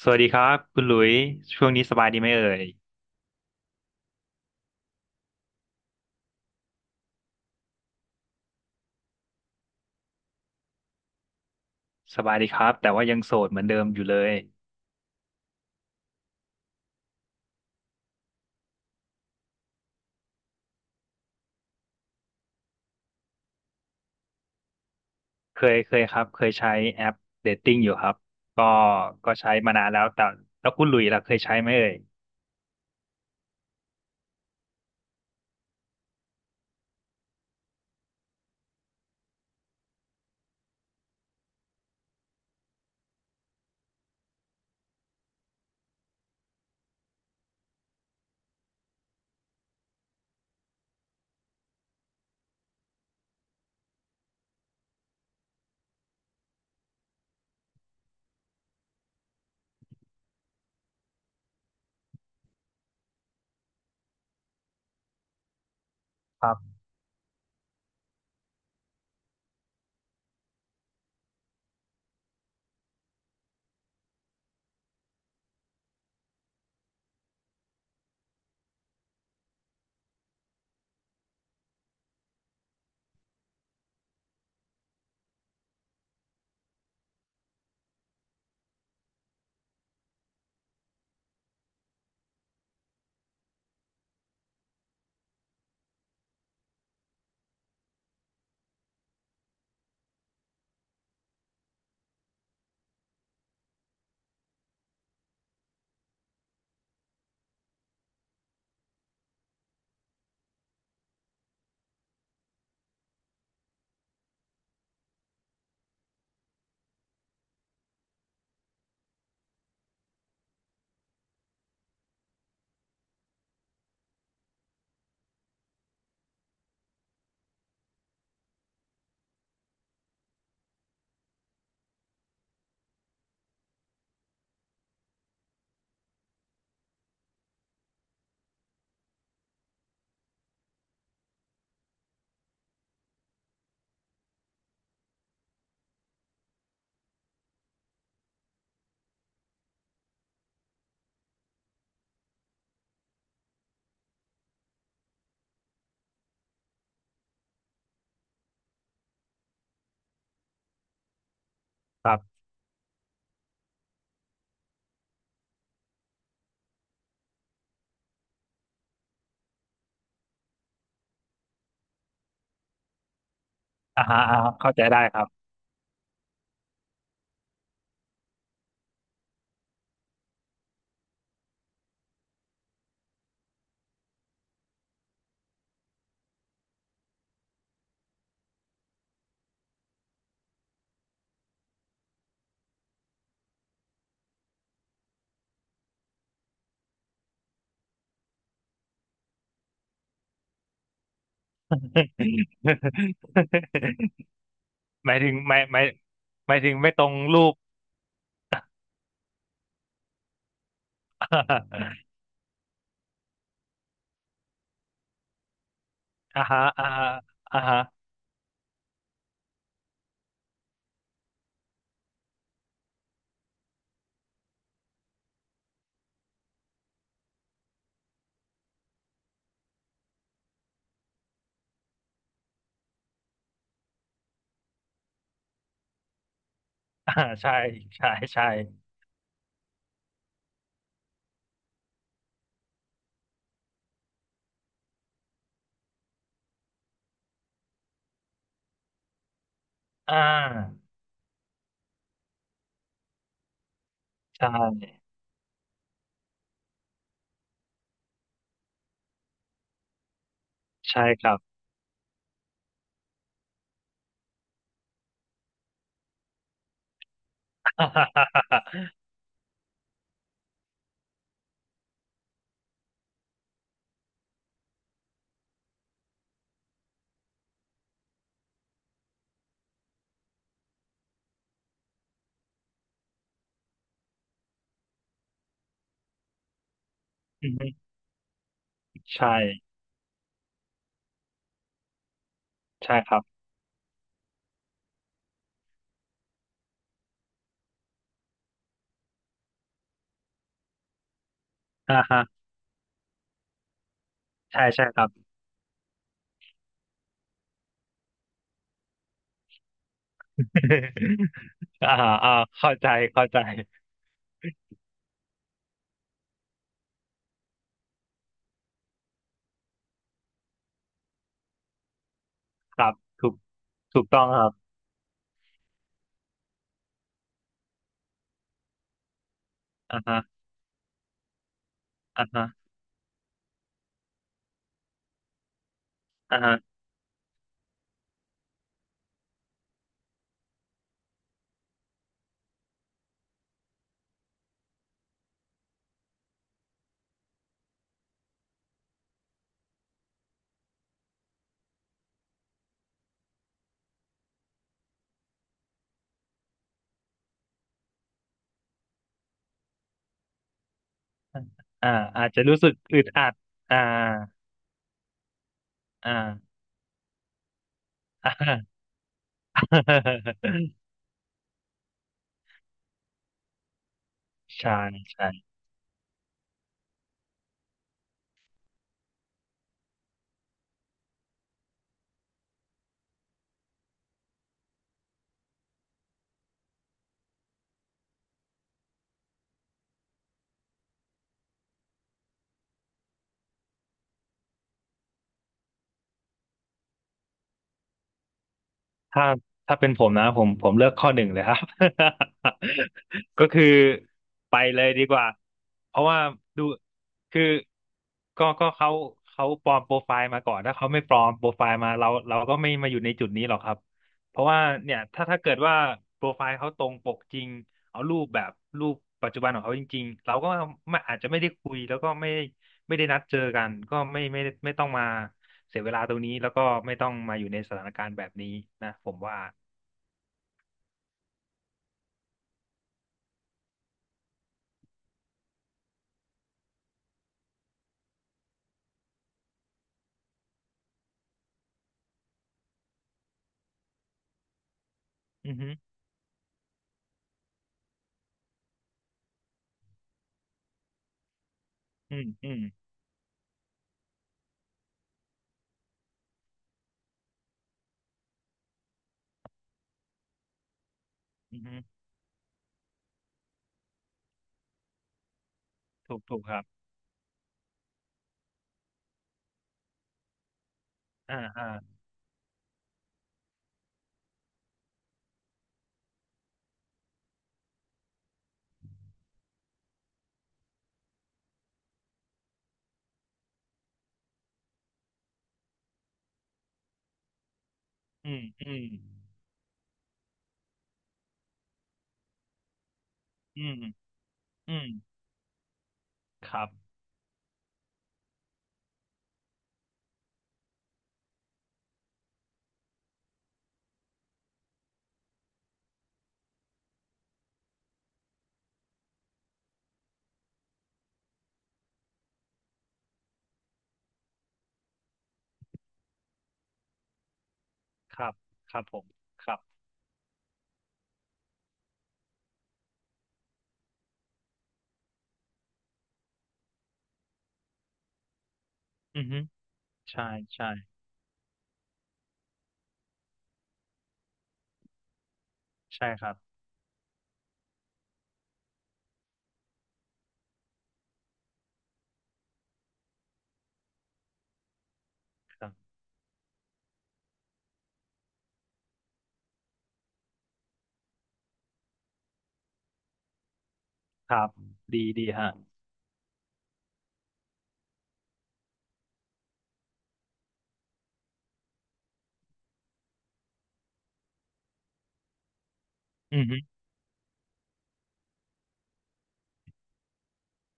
สวัสดีครับคุณหลุยช่วงนี้สบายดีไหมเอ่ยสบายดีครับแต่ว่ายังโสดเหมือนเดิมอยู่เลยเคยครับเคยใช้แอปเดทติ้งอยู่ครับก็ก็ใช้มานานแล้วแต่แล้วคุณหลุยล่ะเคยใช้ไหมเอ่ยครับครับอ่าฮะอ่าฮะเข้าใจได้ครับ หมายถึงไม่หมายถึงไม่ตรงรูป อ่าฮะอ่าฮะอ่าฮะ อ่าใช่ใช่ใช่อ่าใช่ใช่ครับ ใช่ ใช่ครับอ่าฮะใช่ใช่ครับ อ่าฮะอ่าเข้าใจเข้าใจครับถูกถูกต้องครับอ่าฮะอ่าฮะอ่าฮะอ่าอาจจะรู้สึกอึดอัดอ่าอ่าอ่า ใช่ใช่ ถ้าถ้าเป็นผมนะผมเลือกข้อหนึ่งเลยครับ ก็คือไปเลยดีกว่าเพราะว่าดูคือก็เขาปลอมโปรไฟล์มาก่อนถ้าเขาไม่ปลอมโปรไฟล์มาเราก็ไม่มาอยู่ในจุดนี้หรอกครับเพราะว่าเนี่ยถ้าเกิดว่าโปรไฟล์เขาตรงปกจริงเอารูปแบบรูปปัจจุบันของเขาจริงๆเราก็ไม่อาจจะไม่ได้คุยแล้วก็ไม่ได้นัดเจอกันก็ไม่ต้องมา เสียเวลาตรงนี้แล้วก็ไม่ต้องมาอยู่ในสถานการณ์แบบนี้นะผมว่าอือฮึอืมอืมอือฮึถูกครับอ่าอ่าอืมอืมอืมอืมครับครับครับผมครับอือฮึใช่ใช่ใช่ครับครับครับดีดีฮะอือฮึ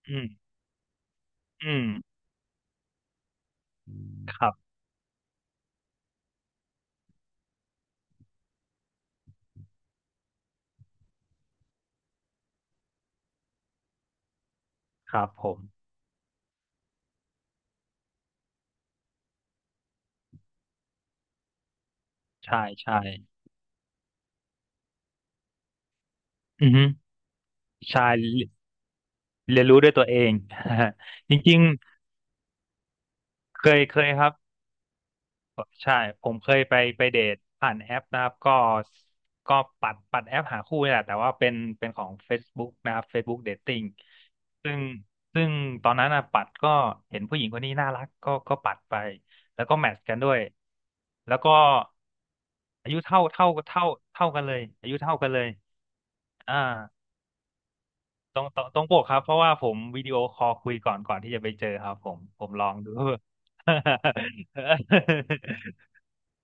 อืมอืมครับครับผมใช่ใช่อือฮึใช่เรียนรู้ด้วยตัวเอง จริงๆเคยครับ ใช่ผมเคยไปเดทผ่านแอปนะครับก็ปัดแอปหาคู่นี่แหละแต่ว่าเป็นของ Facebook นะครับ Facebook Dating ซึ่งซึ่งตอนนั้นนะปัดก็เห็นผู้หญิงคนนี้น่ารักก็ปัดไปแล้วก็แมทช์กันด้วยแล้วก็อายุเท่ากันเลยอายุเท่ากันเลยอ่าตรงปกครับเพราะว่าผมวิดีโอคอลคุยก่อนที่จะไปเจอครับผมลองดู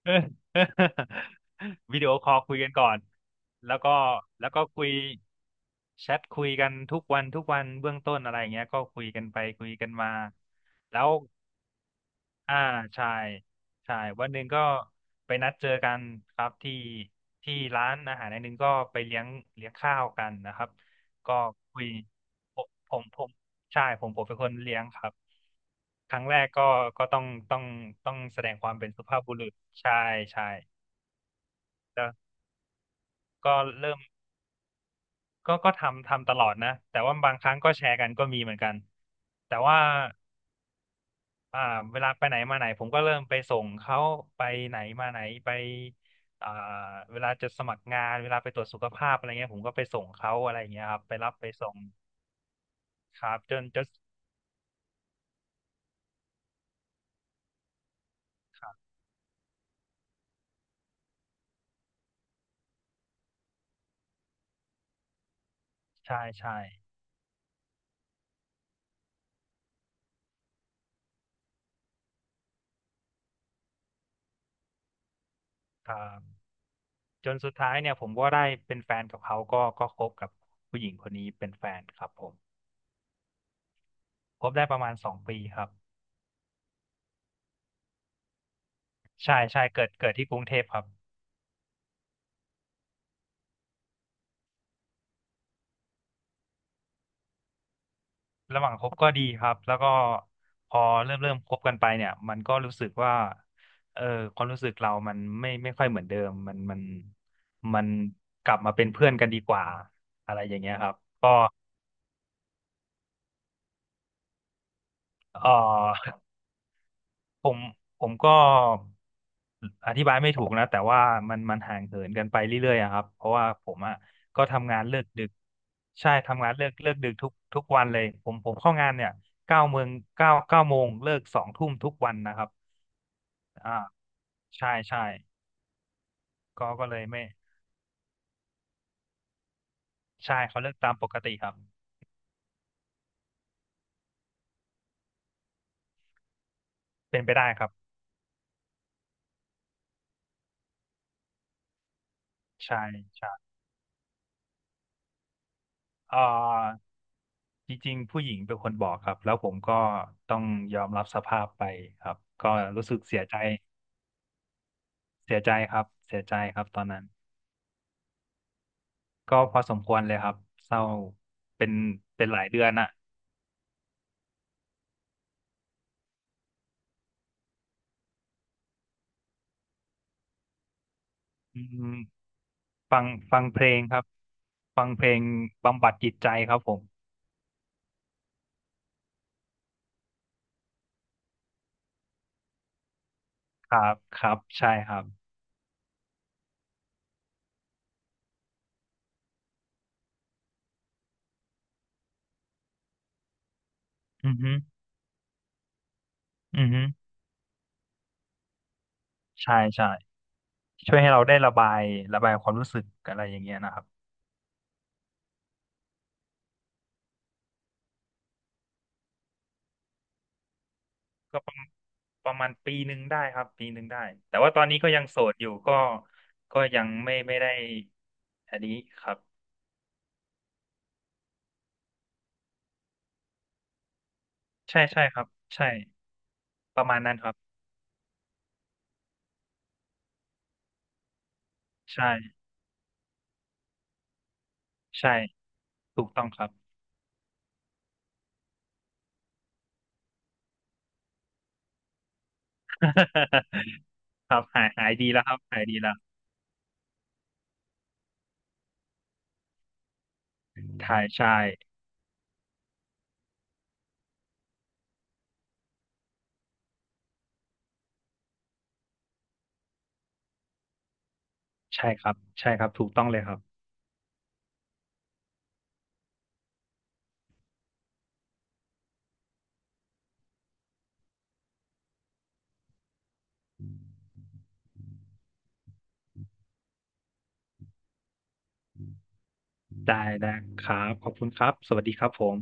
เออ วิดีโอคอลคุยกันก่อนแล้วก็แล้วก็คุยแชทคุยกันทุกวันทุกวันเบื้องต้นอะไรอย่างเงี้ยก็คุยกันไปคุยกันมาแล้วอ่าใช่ใช่วันหนึ่งก็ไปนัดเจอกันครับที่ที่ร้านอาหารแห่งหนึ่งก็ไปเลี้ยงข้าวกันนะครับก็คุยผมใช่ผมเป็นคนเลี้ยงครับครั้งแรกก็ต้องต้องแสดงความเป็นสุภาพบุรุษใช่ใช่ ก็เริ่มก็ทำตลอดนะแต่ว่าบางครั้งก็แชร์กันก็มีเหมือนกันแต่ว่าอ่าเวลาไปไหนมาไหนผมก็เริ่มไปส่งเขาไปไหนมาไหนไปอ่าเวลาจะสมัครงานเวลาไปตรวจสุขภาพอะไรเงี้ยผมก็ไปส่งเขาอะไรเงี้ยครับไปรับไปส่งครับจนครับใช่ใช่ครับจนสุดท้ายเนี่ยผมก็ได้เป็นแฟนกับเขาก็คบกับผู้หญิงคนนี้เป็นแฟนครับผมคบได้ประมาณ2 ปีครับใช่ใช่เกิดที่กรุงเทพครับ ระหว่างคบก็ดีครับแล้วก็พอเริ่มคบกันไปเนี่ยมันก็รู้สึกว่าเออความรู้สึกเรามันไม่ค่อยเหมือนเดิมมันกลับมาเป็นเพื่อนกันดีกว่าอะไรอย่างเงี้ยครับก็เออ ผมผมก็อธิบายไม่ถูกนะแต่ว่ามันห่างเหินกันไปเรื่อยๆอะครับเพราะว่าผมอ่ะก็ทำงานเลิกดึกใช่ทำงานเลิกดึกทุกวันเลยผมเข้างานเนี่ยเก้าโมงเก้าโมงเลิก2 ทุ่มทุกวันนะครับ อ่าใช่ใช่ก็เลยไม่ใช่เขาเลือกตามปกติครับเป็นไปได้ครับใช่ใช่เอ่อจริงๆผู้หญิงเป็นคนบอกครับแล้วผมก็ต้องยอมรับสภาพไปครับก็รู้สึกเสียใจเสียใจครับเสียใจครับตอนนั้นก็พอสมควรเลยครับเศร้าเป็นเป็นหลายเดือนอ่ะอืมฟังฟังเพลงครับฟังเพลงบำบัดจิตใจครับผมครับครับใช่ครับอือฮึอือฮึใช่ใช่ ช่วยให้เราได้ระบายความรู้สึกอะไรอย่างเงี้ยนะครับก็ประมาณปีหนึ่งได้ครับปีหนึ่งได้แต่ว่าตอนนี้ก็ยังโสดอยู่ก็ยังไม่ได้อันนี้ครับใช่ใช่ครับใช่ประมาณนั้นครับใช่ใช่ถูกต้องครับ ครับหายดีแล้วครับหายดีแล้วถ่ายใช่ใช่ครับใช่ครับถูกต้องเลยครับได้ได้ครับขอบคุณครับสวัสดีครับผม